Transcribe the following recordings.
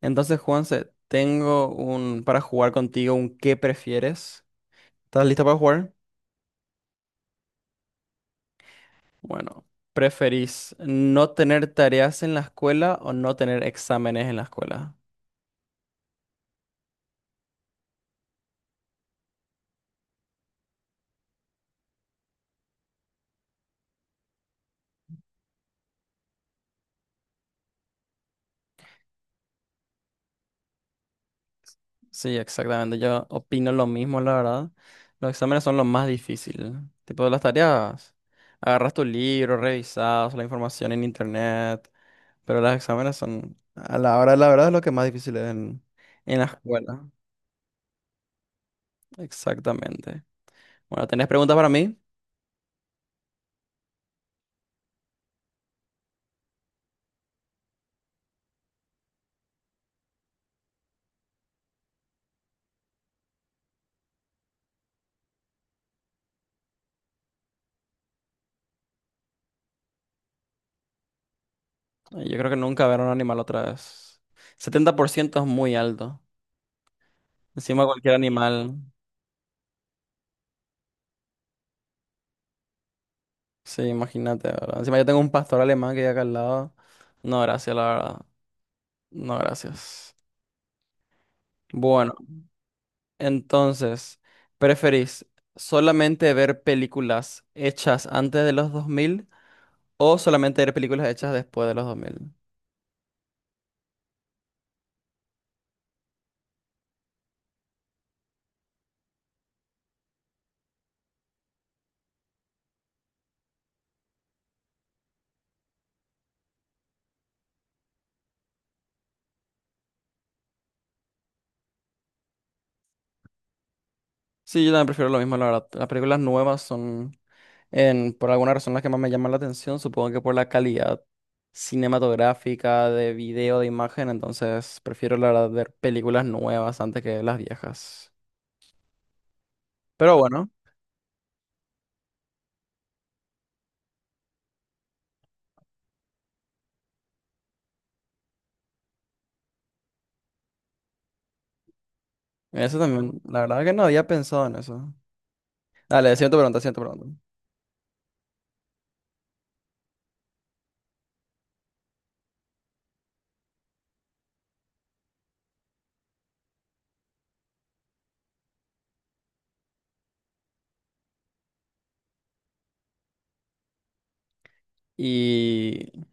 Entonces, Juanse, tengo un para jugar contigo un ¿qué prefieres? ¿Estás lista para jugar? Bueno, ¿preferís no tener tareas en la escuela o no tener exámenes en la escuela? Sí, exactamente. Yo opino lo mismo, la verdad. Los exámenes son lo más difícil. Tipo de las tareas. Agarras tu libro, revisas la información en internet, pero los exámenes son a la hora de la verdad es lo que más difícil es en la escuela. Exactamente. Bueno, ¿tenés preguntas para mí? Ay, yo creo que nunca ver a un animal otra vez. 70% es muy alto. Encima cualquier animal, sí, imagínate, ¿verdad? Encima yo tengo un pastor alemán que hay acá al lado. No, gracias, la verdad. No, gracias. Bueno, entonces, ¿preferís solamente ver películas hechas antes de los 2000 o solamente ver películas hechas después de los 2000? Sí, yo también prefiero lo mismo, la verdad. Las películas nuevas son en, por alguna razón, las que más me llaman la atención, supongo que por la calidad cinematográfica de video, de imagen, entonces prefiero la verdad ver películas nuevas antes que las viejas. Pero bueno, eso también, la verdad que no había pensado en eso. Dale, siguiente pregunta, siguiente pregunta. Y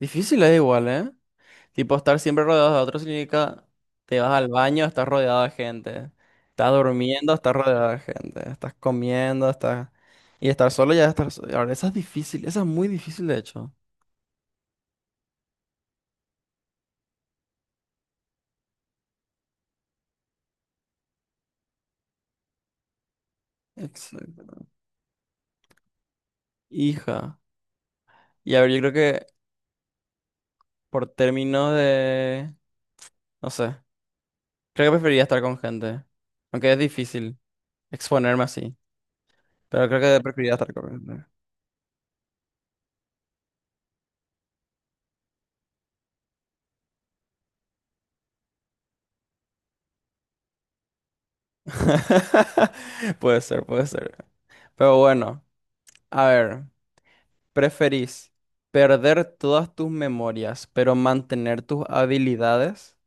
difícil es igual, ¿eh? Tipo, estar siempre rodeado de otros significa te vas al baño, estás rodeado de gente. Estás durmiendo, estás rodeado de gente. Estás comiendo, estás... Y estar solo ya es estar solo. Ahora, esa es difícil, esa es muy difícil de hecho. Exacto. Hija. Y a ver, yo creo que por términos de... No sé. Creo que preferiría estar con gente. Aunque es difícil exponerme así. Pero creo que preferiría estar con gente. Puede ser, puede ser. Pero bueno, a ver. ¿Preferís perder todas tus memorias, pero mantener tus habilidades,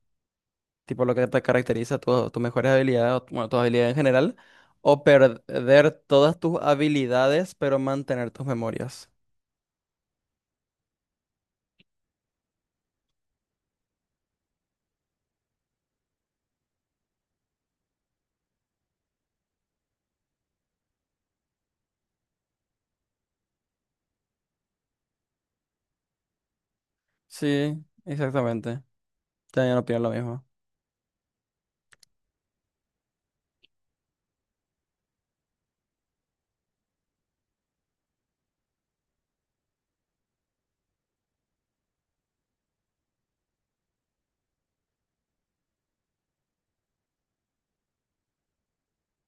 tipo lo que te caracteriza, tus mejores habilidades, o, bueno, tus habilidades en general, o perder todas tus habilidades, pero mantener tus memorias? Sí, exactamente. También opino lo mismo.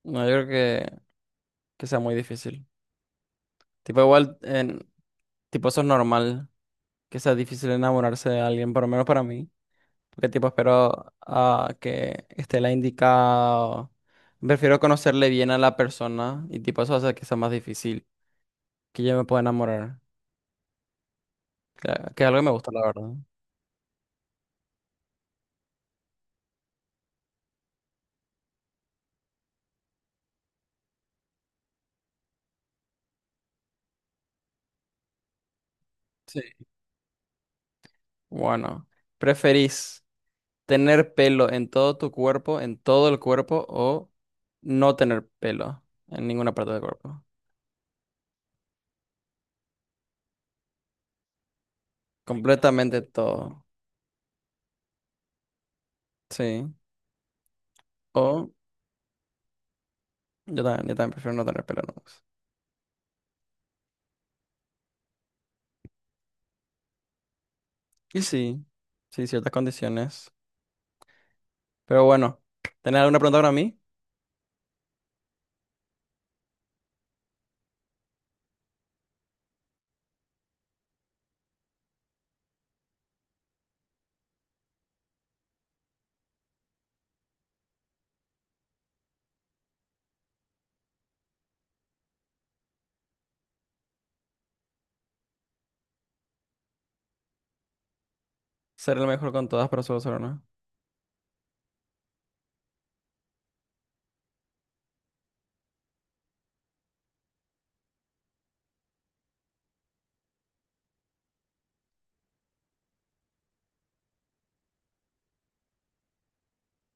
No, yo creo que sea muy difícil. Tipo, igual, en, tipo, eso es normal, que sea difícil enamorarse de alguien, por lo menos para mí. Porque tipo espero que esté la indicado. Prefiero conocerle bien a la persona y tipo eso hace que sea más difícil. Que yo me pueda enamorar. Que, que es algo que me gusta, la verdad. Sí. Bueno, ¿preferís tener pelo en todo tu cuerpo, en todo el cuerpo, o no tener pelo en ninguna parte del cuerpo? Completamente todo. Sí. O yo también prefiero no tener pelo. No. Y sí, sí, ciertas condiciones. Pero bueno, ¿tenés alguna pregunta para mí? Ser el mejor con todas, pero solo ser una.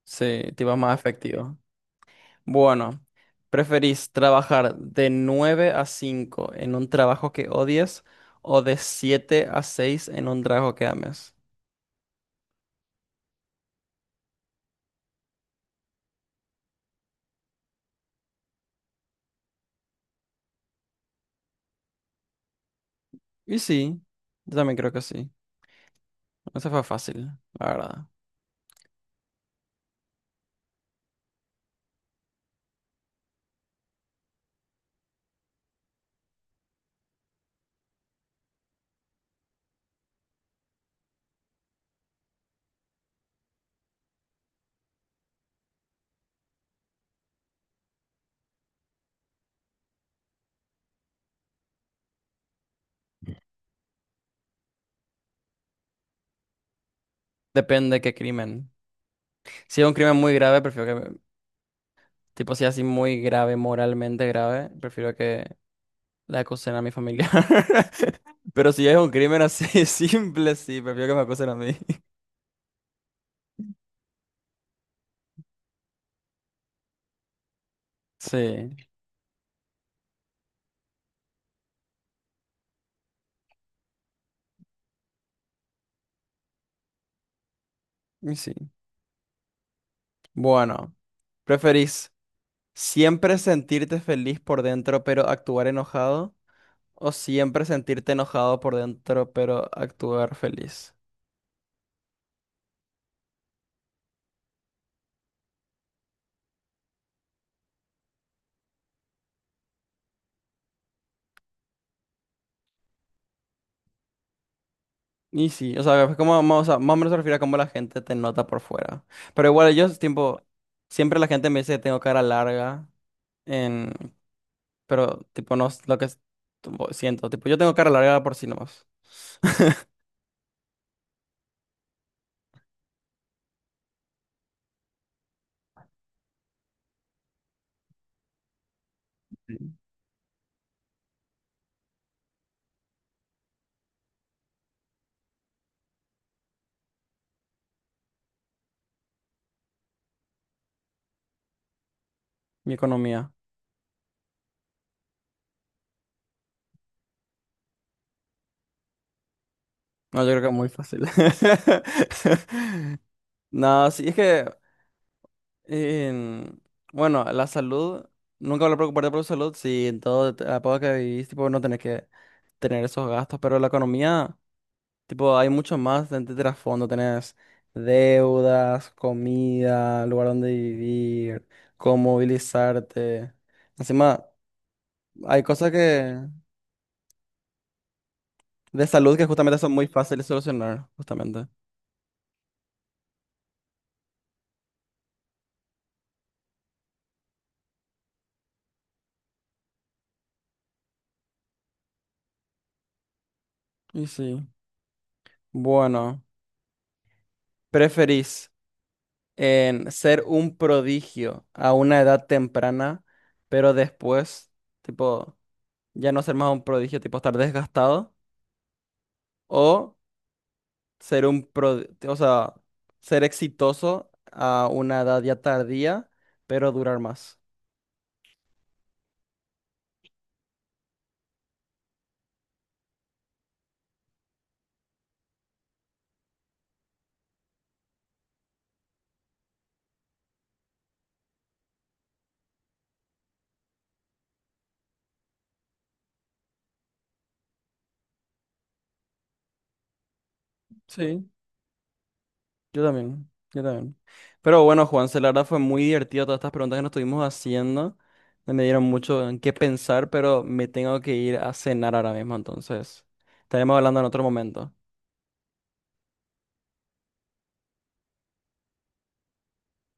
Sí, te tipo más efectivo. Bueno, ¿preferís trabajar de 9 a 5 en un trabajo que odies o de 7 a 6 en un trabajo que ames? Y sí, yo también creo que sí. Eso fue fácil, la verdad. Depende qué crimen. Si es un crimen muy grave, prefiero que, tipo, si es así muy grave, moralmente grave, prefiero que la acusen a mi familia. Pero si es un crimen así simple, sí, prefiero que me acusen a mí. Sí. Y sí. Bueno, ¿preferís siempre sentirte feliz por dentro pero actuar enojado? ¿O siempre sentirte enojado por dentro pero actuar feliz? Y sí, o sea, es como, o sea, más o menos se refiere a cómo la gente te nota por fuera. Pero igual yo, tipo, siempre la gente me dice que tengo cara larga, en... pero tipo, no es lo que tipo, siento. Tipo, yo tengo cara larga por sí nomás, mi economía. No, yo creo que es muy fácil. No, sí, es que En- bueno, la salud, nunca voy a preocuparte por tu salud si en todo la época que vivís, tipo, no tenés que tener esos gastos, pero la economía, tipo, hay mucho más de trasfondo, tenés deudas, comida, lugar donde vivir, cómo movilizarte. Encima, hay cosas que de salud que justamente son muy fáciles de solucionar, justamente. Y sí, bueno, ¿preferís? En ser un prodigio a una edad temprana, pero después, tipo, ya no ser más un prodigio, tipo estar desgastado, o ser un pro, o sea, ser exitoso a una edad ya tardía, pero durar más. Sí, yo también, yo también. Pero bueno, Juanse, la verdad fue muy divertido todas estas preguntas que nos estuvimos haciendo. No me dieron mucho en qué pensar, pero me tengo que ir a cenar ahora mismo, entonces estaremos hablando en otro momento.